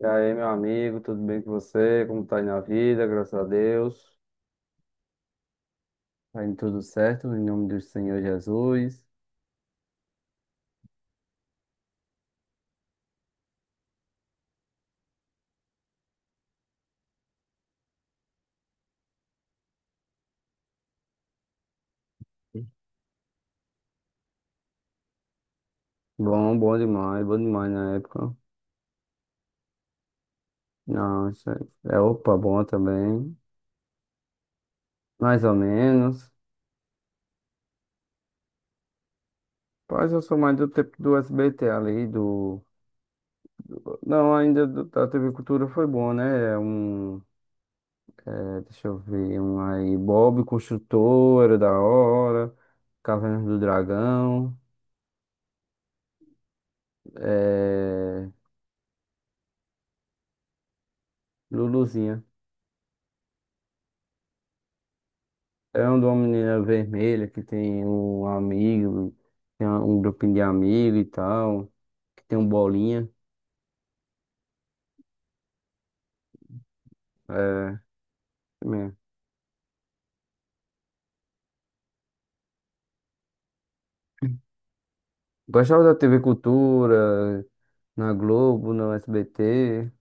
E aí, meu amigo, tudo bem com você? Como tá aí na vida? Graças a Deus, tá indo tudo certo, em nome do Senhor Jesus. Bom demais, bom demais na época. Não, isso é opa, bom também. Mais ou menos. Mas eu sou mais do tempo do SBT ali, do. Não, ainda da TV Cultura foi bom, né? É um. Deixa eu ver, um aí. Bob Construtor, era da hora. Caverna do Dragão. É, Luluzinha. É um de uma menina vermelha que tem um amigo, tem um grupinho de amigos e tal, que tem um bolinha. É, mesmo. Gostava da TV Cultura, na Globo, no SBT.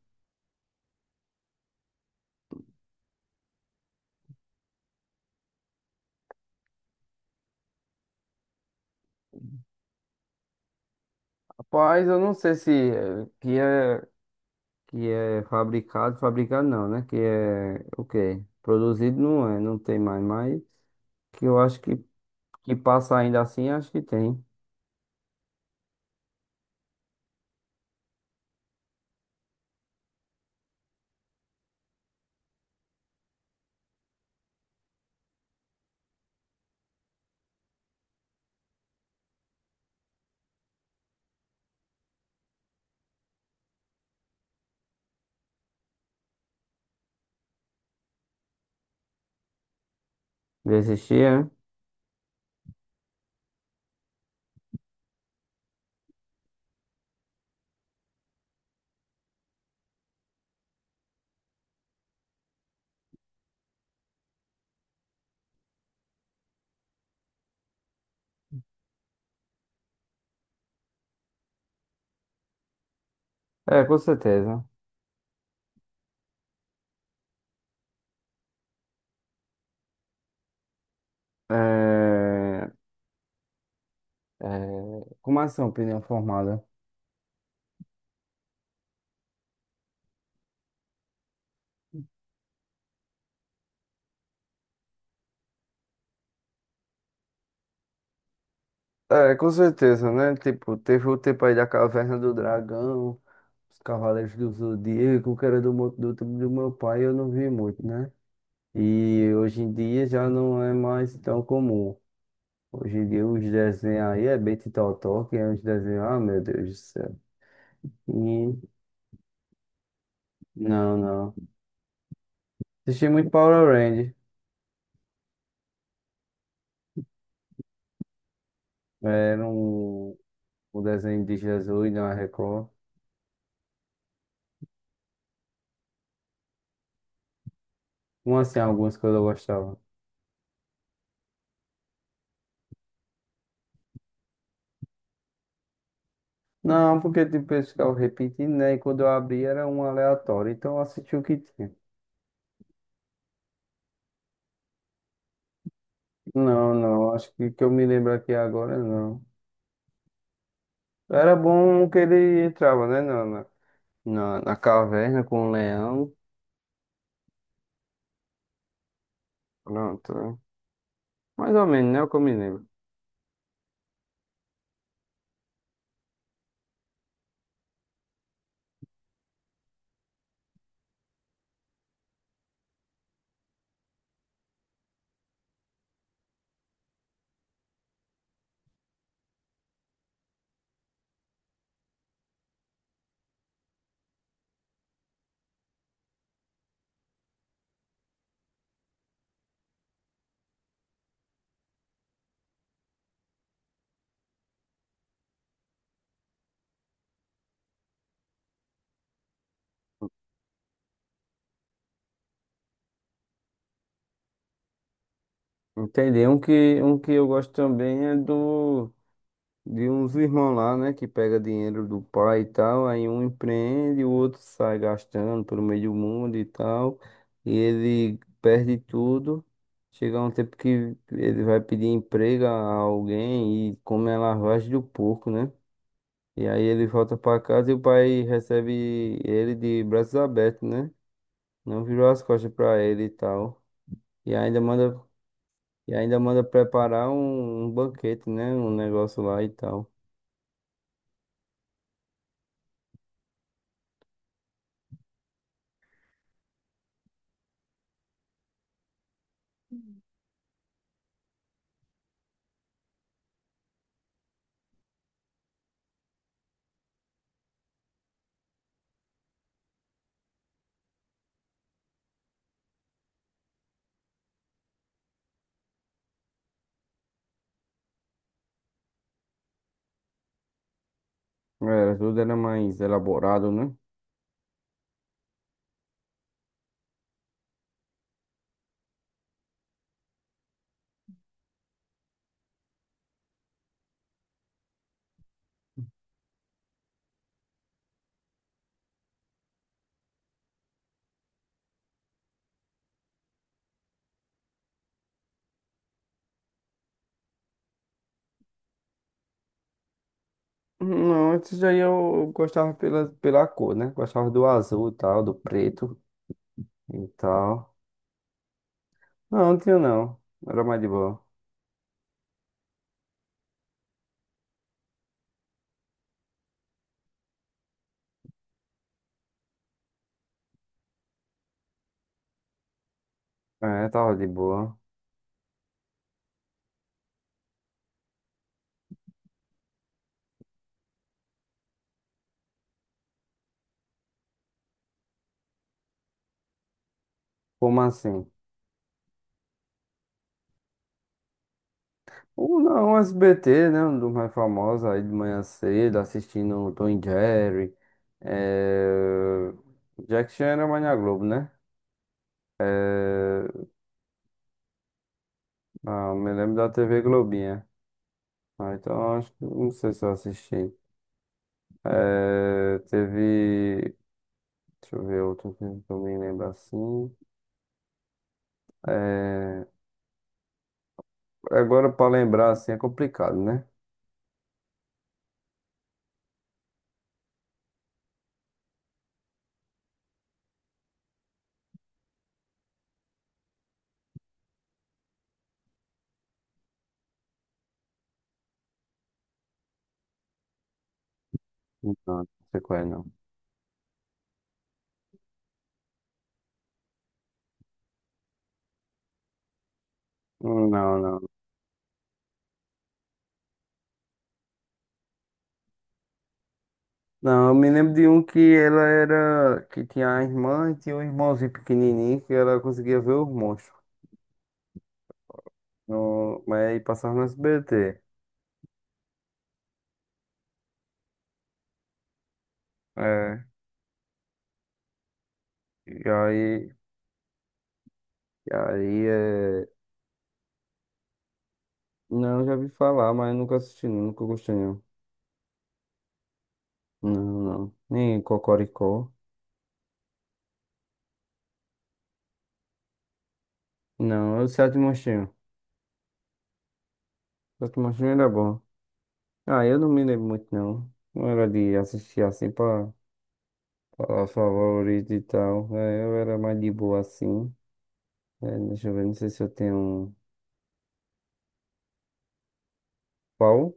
Rapaz, eu não sei se é- que é, que é fabricado, fabricado não, né? Que é o quê? Produzido não é, não tem mais, mas que eu acho que, que passa ainda assim, acho que tem. Existia, é? É, com certeza. É, É, Como assim, opinião formada? É, com certeza, né? Tipo, teve o tempo aí da Caverna do Dragão, os Cavaleiros do Zodíaco, que era do, do tempo do meu pai, eu não vi muito, né? E hoje em dia já não é mais tão comum. Hoje em dia os desenhos aí é Betty Totó, que é uns desenhos, ah, meu Deus do céu. E, não, não. Assisti muito Power Rangers, era um desenho de Jesus, não da Record. Como assim, algumas que eu gostava? Não, porque tipo, eles ficavam repetindo, né? E quando eu abri era um aleatório, então eu assisti o que tinha. Não, não, acho que eu me lembro aqui agora, não. Era bom que ele entrava, né? Na caverna com o leão. Pronto, né? Mais ou menos, né? O que eu me lembro. Entendi. Um que eu gosto também é do. De uns irmãos lá, né, que pega dinheiro do pai e tal, aí um empreende, o outro sai gastando pelo meio do mundo e tal, e ele perde tudo. Chega um tempo que ele vai pedir emprego a alguém e come a lavagem do porco, né? E aí ele volta pra casa e o pai recebe ele de braços abertos, né? Não virou as costas pra ele e tal. E ainda manda, e ainda manda preparar um banquete, né? Um negócio lá e tal. Era, tudo era mais elaborado, né? Não, antes daí eu gostava pela cor, né? Gostava do azul e tal, do preto e tal. Não, não tinha não. Era mais de boa. É, tava de boa. Como assim? Ou não, SBT, né? Um dos mais famosos aí de manhã cedo, assistindo o Tom e Jerry. É... Jack Chan era mais na Globo, né? É... Não, me lembro da TV Globinha. Ah, então acho que não sei se eu assisti. É, teve. Deixa eu ver outro filme que eu me lembro assim. É, agora, pra lembrar assim, é complicado, né? Não, não sei qual é, não. Não, não. Não, eu me lembro de um que ela era. Que tinha a irmã e tinha um irmãozinho pequenininho que ela conseguia ver os monstros. No, mas aí passava no S B T. É. E aí. E aí é. Não, já vi falar, mas nunca assisti, não, nunca gostei, não. Não, não. Nem Cocoricó. Não, é o Sete Monstrinhos. Death Machine era bom. Ah, eu não me lembro muito, não. Não era de assistir assim pra falar favorito e tal. É, eu era mais de boa assim. É, deixa eu ver, não sei se eu tenho um. Qual?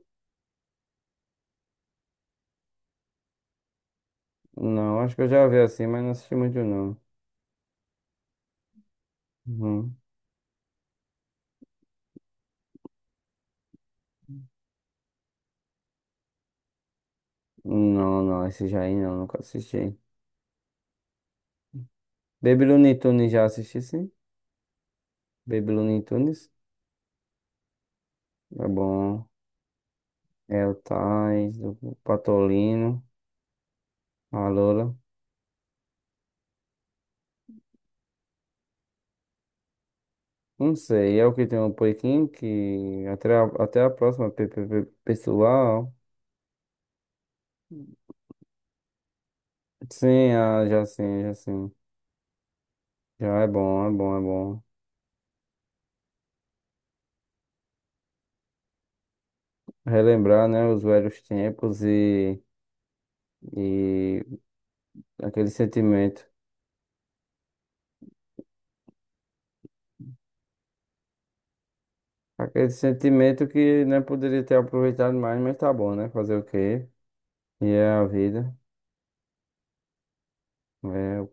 Não, acho que eu já vi assim, mas não assisti muito, não. Uhum. Não, não, esse já aí não, nunca assisti. Baby Looney Tunes já assisti, sim. Baby Looney Tunes. É bom. É o Tais, o Patolino, a Lola. Não sei, é o que tem um pouquinho que até a, até a próxima pessoal. Sim, ah, já sim, já sim. Já é bom, é bom, é bom. Relembrar, né, os velhos tempos e aquele sentimento. Aquele sentimento que não poderia ter aproveitado mais, mas tá bom, né? Fazer o quê? E é a vida. É.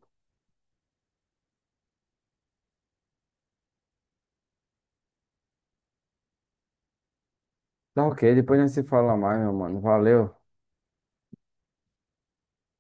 Tá ok, depois não se fala mais, meu mano. Valeu.